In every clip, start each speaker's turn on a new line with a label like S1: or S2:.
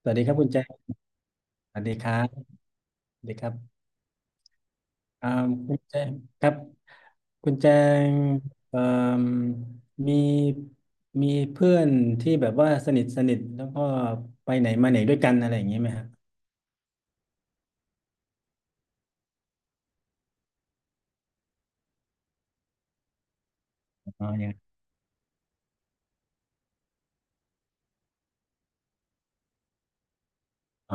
S1: สวัสดีครับคุณแจงสวัสดีครับสวัสดีครับอ่าคุณแจงครับคุณแจงเอ่มมีมีเพื่อนที่แบบว่าสนิทสนิทแล้วก็ไปไหนมาไหนด้วยกันอะไรอย่างนี้ไหมครับ อ๋อยังอ๋อ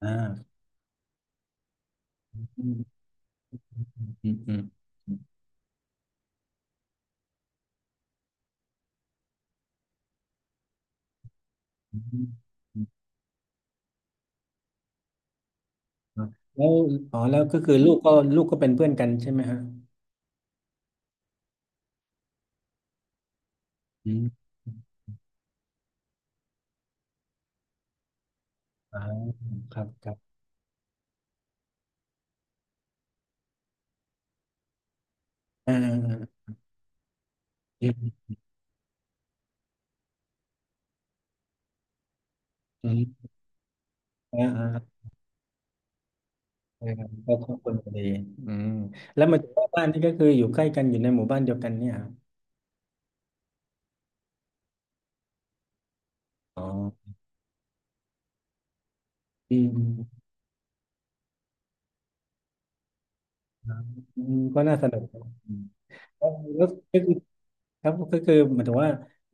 S1: อ่าอืมอืมอืมอืมอืมอืมอืมแล้วอ๋อแล้วก็คือลูกก็เป็นเพื่อนกันใช่ไหมฮะอืมอ่าครับ ครับอ่าอืมอืมอ่าอ่า ใช่ครับก็ครอบครัวพอดีอืมแล้วอมามเจากบ้านนี่ก็คืออยู่ใกล้กันอยู่ในหมู่บ้านเดียวกันเนี่ยครับอ๋ออืมครับอืมก็น่าสนุกครับอืมแล้วแล้วก็คือครับก็คือหมายถึงว่า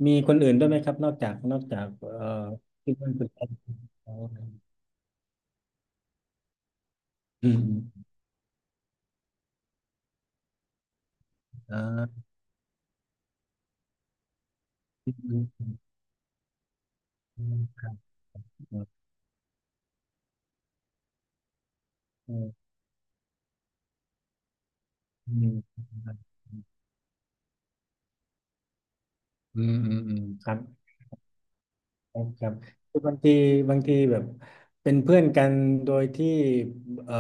S1: มีคนอื่นด้วยไหมครับนอกจากที่บ้านคุณแอนอ๋ออืมอ่าอืมอืมอืมอืมอืมอืมอืมอืมอืมครับ ครับคือบางทีแบบเป็นเพื่อนกันโดยที่เอ่อ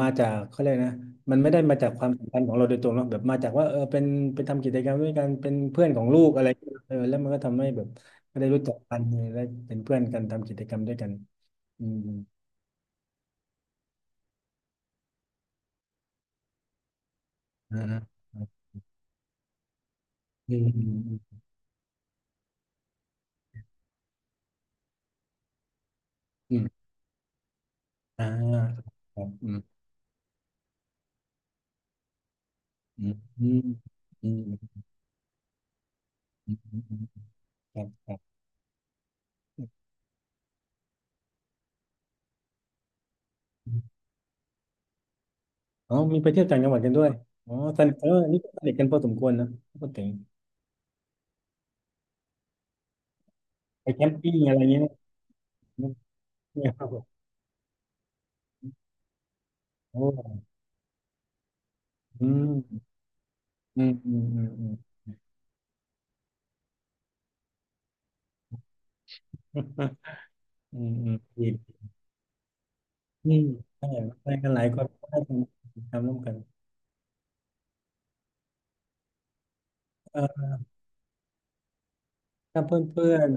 S1: มาจากเขาเรียกนะมันไม่ได้มาจากความสัมพันธ์ของเราโดยตรงหรอกแบบมาจากว่าเออเป็นทำกิจกรรมด้วยกันเป็นเพื่อนของลูกอะไรเออแล้วมันก็ทำให้แบบก็ได้รู้จักกันและเป็นเพื่อนกันทำกิจกรรมด้วยกันอืมอ่าอืมอืมอืมอ่าครับอืมอืมอืมอืมอืมครับครับ อ๋อมีไปเที่ยวต่างจังหวัดกันด้วยอ๋อสนิทเออนี่ก็สนิทกันพอสมควรนะพูดถึงไปแคมปิ้งอะไรเงี้ยเนี่ยครับผมโอ้อืมอืมอืมอืมอืมอืมอืมดีอืมไปกันหลายคนก็ได้ทำรร่วมกันเออถ้าเพื่อนเพื่อน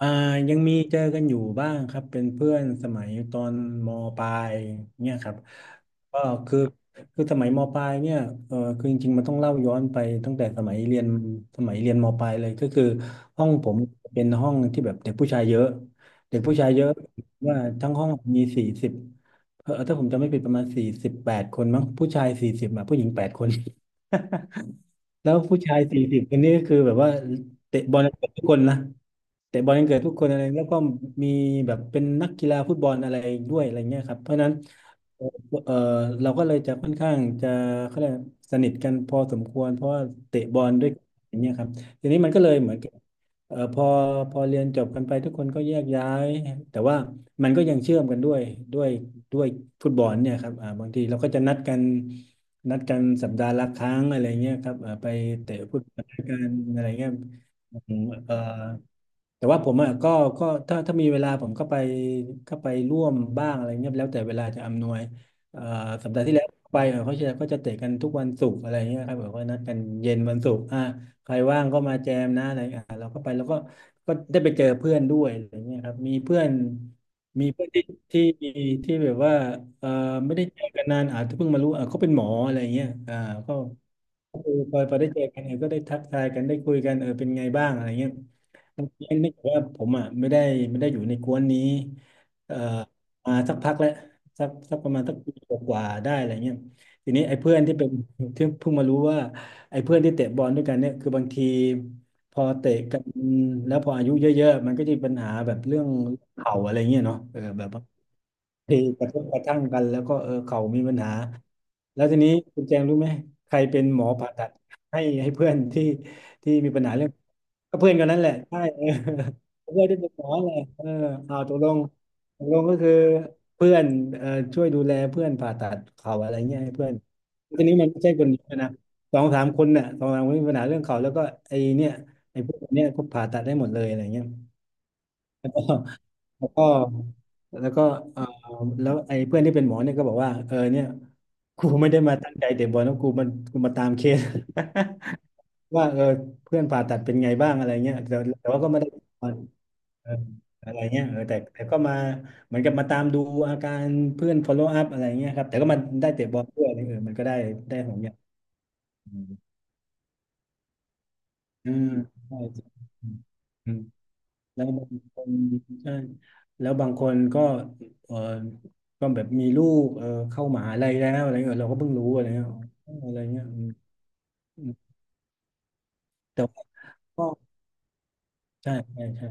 S1: อ่ายังมีเจอกันอยู่บ้างครับเป็นเพื่อนสมัยตอนมปลายเนี่ยครับก็คือคือสมัยมปลายเนี่ยเออคือจริงๆมันต้องเล่าย้อนไปตั้งแต่สมัยเรียนมปลายเลยก็คือห้องผมเป็นห้องที่แบบเด็กผู้ชายเยอะเด็กผู้ชายเยอะว่าทั้งห้องมีสี่สิบเออถ้าผมจำไม่ผิดประมาณ48 คนมั้งผู้ชายสี่สิบอ่ะผู้หญิงแปดคน แล้วผู้ชาย40 คนนี้ก็คือแบบว่า เตะบอลกันเกิดทุกคนนะเตะบอลกันเกิดทุกคนอะไรแล้วก็มีแบบเป็นนักกีฬาฟุตบอลอะไรด้วยอะไรเงี้ยครับเพราะฉะนั้นเออเออเราก็เลยจะค่อนข้างจะเขาเรียกสนิทกันพอสมควรเพราะว่าเตะบอลด้วยกันอย่างเงี้ยครับทีนี้มันก็เลยเหมือนกับเออพอเรียนจบกันไปทุกคนก็แยกย้ายแต่ว่ามันก็ยังเชื่อมกันด้วยด้วยฟุตบอลเนี่ยครับอ่าบางทีเราก็จะนัดกันสัปดาห์ละครั้งอะไรเงี้ยครับไปเตะฟุตบอลด้วยกันอะไรเงี้ย อืมแต่ว่าผมอ่ะก็ถ้ามีเวลาผมก็ไปร่วมบ้างอะไรเงี้ยแล้วแต่เวลาจะอำนวยเอ่อสัปดาห์ที่แล้วไปเขาจะก็จะเตะกันทุกวันศุกร์อะไรเงี้ยครับแบบว่านัดกันเย็นวันศุกร์อ่ะใครว่างก็มาแจมนะอะไรอ่ะเราก็ไปแล้วก็ก็ได้ไปเจอเพื่อนด้วยอะไรเงี้ยครับมีเพื่อนที่ที่แบบว่าเอ่อไม่ได้เจอกันนานอาจจะเพิ่งมารู้อ่ะเขาเป็นหมออะไรเงี้ยอ่าก็ คือพอได้เจอกันเนี่ยก็ได้ทักทายกันได้คุยกันเออเป็นไงบ้างอะไรเงี้ยบางทีนึกว่าผมอ่ะไม่ได้อยู่ในกวนนี้เอ่อมาสักพักแล้วสักประมาณสักปีกว่าๆได้อะไรเงี้ยทีนี้ไอ้เพื่อนที่เป็นที่เพิ่งมารู้ว่าไอ้เพื่อนที่เตะบอลด้วยกันเนี่ยคือบางทีพอเตะกันแล้วพออายุเยอะๆมันก็จะมีปัญหาแบบเรื่องเข่าอะไรเงี้ยเนาะเออแบบ ตีกระทบกระทั่งกันแล้วก็เออเข่ามีปัญหาแล้วทีนี้คุณแจงรู้ไหมใครเป็นหมอผ่าตัดให้ให้เพื่อนที่ที่มีปัญหาเรื่องก็เพื่อนกันนั่นแหละใช่ เออเพื่อนที่เป็นหมอแหละเออเอาตกลงตกลงก็คือเพื่อนเอ่อช่วยดูแลเพื่อนผ่าตัดเข่าอะไรเงี้ยให้เพื่อนทีนี้มันไม่ใช่คนเดียวนะสองสามคนน่ะสองสามคนมีปัญหาเรื่องเข่าแล้วก็ไอ้เนี่ยไอ้พวกเนี้ยก็ผ่าตัดได้หมดเลยอะไรเงี้ย แล้วก็แล้วก็เออแล้วไอ้เพื่อนที่เป็นหมอเนี่ยก็บอกว่าเออเนี่ยกูไม่ได้มาตั้งใจเตะบอลนะกูมันกูมาตามเคส ว่าเออเพื่อนผ่าตัดเป็นไงบ้างอะไรเงี้ยแต่แต่ว่าก็ไม่ได้เอออะไรเงี้ยเออแต่แต่ก็มาเหมือนกับมาตามดูอาการเพื่อน follow up อะไรเงี้ยครับแต่ก็มาได้เตะบอลด้วยเออมันก็ได้ได้ของอย่างอืมใช่อืม แล้วบางคนใช่แล้วบางคนก็เออก็แบบมีลูกเออเข้ามหาลัยแล้วอะไรเงี้ยเราก็เพิ่งรู้อะไรเงี้ยอ๋ออะไรเงี้ยอืมอืมแต่ว่าก็ใช่ใช่ใช่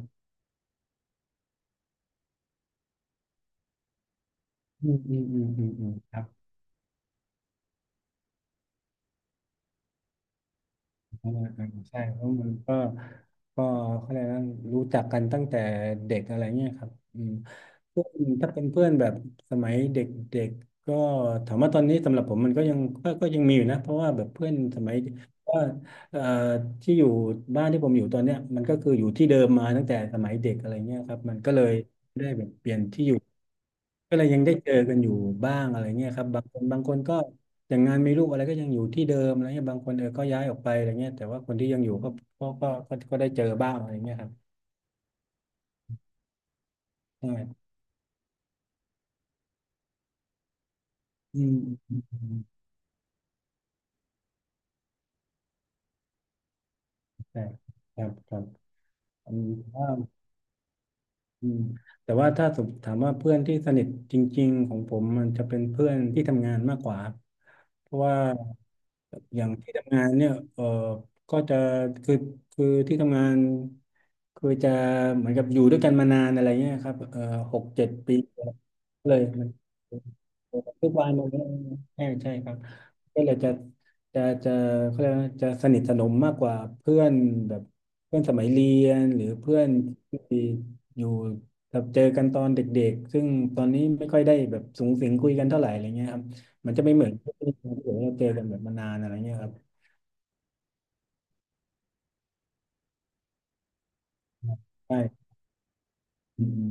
S1: อืมอืมอืมอืมอืมครับ อ่าอ่าใช่เพราะมันก็ก็เขาเรียกว่ารู้จักกันตั้งแต่เด็กอะไรเงี้ยครับอืมเพื่อนถ้าเป็นเพื่อนแบบสมัยเด็กเด็กก็ถามว่าตอนนี้สำหรับผมมันก็ยังก็ยังมีอยู่นะเพราะว่าแบบเพื่อนสมัยว่าเอ่อที่อยู่บ้านที่ผมอยู่ตอนเนี้ยมันก็คืออยู่ที่เดิมมาตั้งแต่สมัยเด็กอะไรเงี้ยครับมันก็เลย ได้แบบเปลี่ยนที่อยู่ก็เลยยังได้เจอกันอยู่บ้างอะไรเงี้ยครับบางคนบางคนก็อย่างงานมีลูกอะไรก็ยังอยู่ที่เดิมอะไรเงี้ยบางคนเออก็ย้ายออกไปอะไรเงี้ยแต่ว่าคนที่ยังอยู่ก็ก็ได้เจอบ้างอะไรเงี้ยครับใช่อืมอืมอืมใช่ครับครับอืม อืมแต่ว่าถ้าสมถามว่าเพื่อนที่สนิทจริงๆของผมมันจะเป็นเพื่อนที่ทำงานมากกว่าครับเพราะว่าอย่างที่ทำงานเนี่ยเออก็จะคือคือที่ทำงานคือจะเหมือนกับอยู่ด้วยกันมานานอะไรเงี้ยครับเออ6-7 ปีเลยมันทุกวันมันกใช่ใช่ครับก็เลยจะจะจะเขาเรียกว่าจะสนิทสนมมากกว่าเพื่อนแบบเพื่อนสมัยเรียนหรือเพื่อนที่ อยู่แบบเจอกันตอนเด็กๆ ซึ่งตอนนี้ไม่ค่อยได้แบบสูงสิงคุยกันเท่าไหร่อะไรเงี้ยครับมันจะไม่เหมือนที่เราเจอกันแบบมานานอะไรเงี้ยครับใช่อืม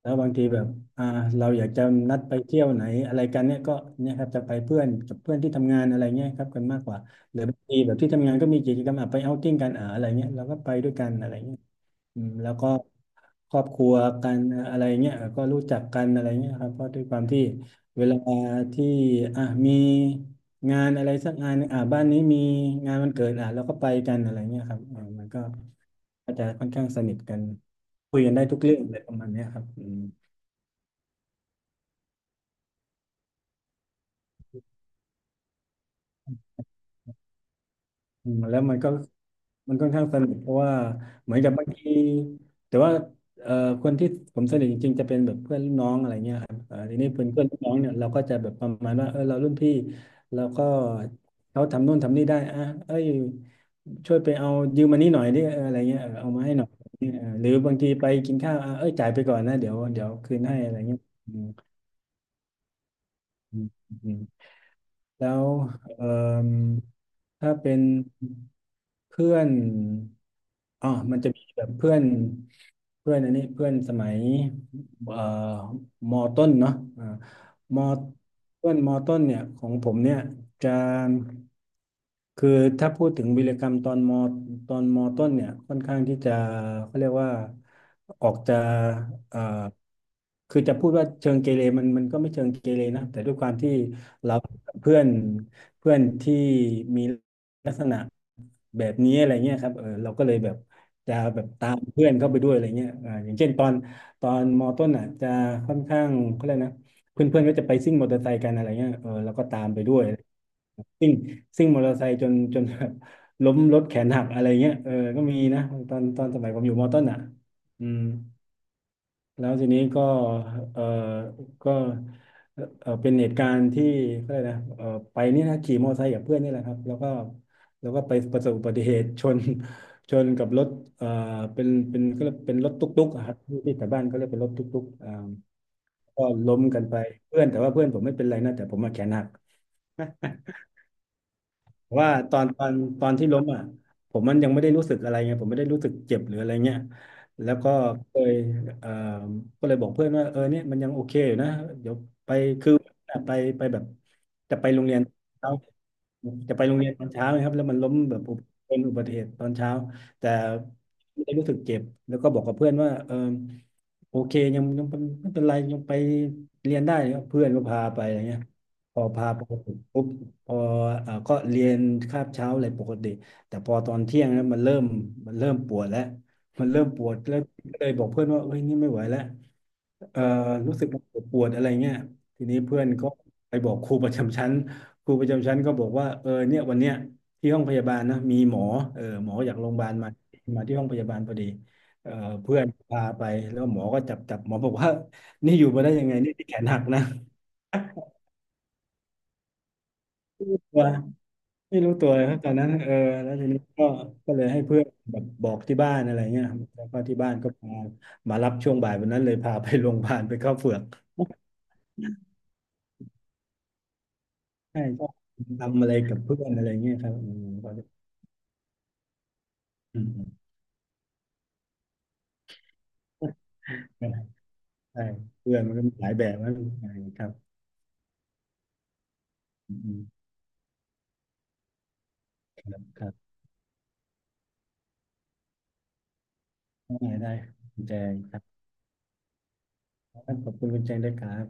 S1: แล้วบางทีแบบอ่าเราอยากจะนัดไปเที่ยวไหนอะไรกันเนี่ยก็เนี่ยครับจะไปเพื่อนกับเพื่อนที่ทำงานอะไรเงี้ยครับกันมากกว่าหรือบางทีแบบที่ทำงานก็มีกิจกรรมอ่ะไปเอาท์ติ้งกันอ่าอะไรเงี้ยเราก็ไปด้วยกันอะไรเงี้ยอืมแล้วก็ครอบครัวกันอะไรเงี้ยก็รู้จักกันอะไรเงี้ยครับเพราะด้วยความที่เวลาที่อ่ะมีงานอะไรสักงานหนึ่งอ่ะบ้านนี้มีงานวันเกิดอ่ะเราก็ไปกันอะไรเงี้ยครับอ่ามันก็ก็จะค่อนข้างสนิทกันคุยกันได้ทุกเรื่องอะไรประมาณเนี้ยครับอืม อืมแล้วมันก็มันค่อนข้างสนุกเพราะว่าเหมือนกับบางทีแต่ว่าเอ่อคนที่ผมสนิทจริงๆจะเป็นแบบเพื่อนรุ่นน้องอะไรเงี้ยครับเอ่อทีนี้เพื่อนเพื่อนรุ่นน้องเนี่ยเราก็จะแบบประมาณว่าเออเรารุ่นพี่เราก็เขาทำนู่นทำนี่ได้อ่ะเอ้ยช่วยไปเอายืมมานี่หน่อยดิเอออะไรเงี้ยเออเอามาให้หน่อยเออหรือบางทีไปกินข้าวอ่ะเอ้ยจ่ายไปก่อนนะเดี๋ยวคืนให้อะไรเงี้ยอืมอืม แล้วเอ่มถ้าเป็นเพื่อนอ๋อมันจะมีแบบเพื่อนเพื่อนอันนี้เพื่อนสมัยเอ่อมอต้นเนาะ มอต้นเนี่ยของผมเนี่ยจะคือถ้าพูดถึงวีรกรรมตอนมอต้นเนี่ยค่อนข้างที่จะเขาเรียกว่าออกจะเอ่อคือจะพูดว่าเชิงเกเรมันก็ไม่เชิงเกเรนะแต่ด้วยความที่เราเพื่อนเพื่อนที่มีลักษณะแบบนี้อะไรเงี้ยครับเออเราก็เลยแบบจะแบบตามเพื่อนเข้าไปด้วยอะไรเงี้ยอ่าอย่างเช่นตอนมอต้นอ่ะจะค่อนข้างเขาเรียกนะ เพื่อนๆก็จะไปซิ่งมอเตอร์ไซค์กันอะไรเงี้ยเออแล้วก็ตามไปด้วยซิ่งซิ่งมอเตอร์ไซค์จน แบบล้มรถแขนหักอะไรเงี้ยเออก็มีนะตอนสมัยผมอยู่มอต้นอ่ะอืมแล้วทีนี้ก็เออก็เออเป็นเหตุการณ์ที่ก็เลยกอะไรนะเออไปนี่นะขี่มอเตอร์ไซค์กับเพื่อนนี่แหละครับแล้วก็ไปประสบอุบัติเหตุชน ชนกับรถเอ่อเป็นก็เรียกเป็นรถตุ๊กๆอะครับที่แถวบ้านก็เรียกเป็นรถตุ๊กๆอ่า ก็ล้มกันไปเพื่อนแต่ว่าเพื่อนผมไม่เป็นไรนะแต่ผมมาแขนหักนะเพราะว่าตอนที่ล้มอ่ะผมมันยังไม่ได้รู้สึกอะไรไงผมไม่ได้รู้สึกเจ็บหรืออะไรเงี้ยแล้วก็เคยเอ่อก็เลยบอกเพื่อนว่าเออเนี่ยมันยังโอเคอยู่นะเดี๋ยวไปคือไปไปแบบจะไปโรงเรียนเช้าจะไปโรงเรียนตอนเช้านะครับแล้วมันล้มแบบอุบเป็นอุบัติเหตุตอนเช้าแต่ไม่ได้รู้สึกเจ็บแล้วก็บอกกับเพื่อนว่าเออ โอเคยังยังเป็นไม่เป็นไรยังไปเรียนได้ครับเพื่อนก็พาไปอะไรเงี้ยพอพาไปปุ๊บพอก็เรียนคาบเช้าอะไรปกติแต่พอตอนเที่ยงแล้วมันเริ่มมันเริ่มปวดแล้วมันเริ่มปวดแล้วก็เลยบอกเพื่อนว่าเอ้ยนี่ไม่ไหวแล้ว เอ่อรู้สึกปวดปวดอะไรเงี้ยทีนี้เพื่อนก็ไปบอกครูประจำชั้นครูประจำชั้นก็บอกว่าเออเนี่ยวันเนี้ยที่ห้องพยาบาลนะมีหมอเออหมอจากโรงพยาบาลมามาที่ห้องพยาบาลพอดีเอ่อเพื่อนพาไปแล้วหมอก็จับหมอบอกว่านี่อยู่มาได้ยังไงนี่ที่แขนหักนะ ไม่รู้ตัวไม่รู้ตัวเลยครับตอนนั้นเออแล้วทีนี้ก็ก็เลยให้เพื่อนแบบบอกที่บ้านอะไรเงี้ยแล้วก็ที่บ้านก็พามารับช่วงบ่ายวันนั้นเลยพาไปโรงพยาบาลไปเข้าเฝือก ใช่ใชอทำอะไรกับเพื่อนอะไรเงี้ยครับอืมก็จะอืมอืมใช่เพื่อนมันก็มีหลายแบบนะใช่ครับอืมอืมครับครับได้ได้คุณแจงครับขอบคุณคุณแจงด้วยครับ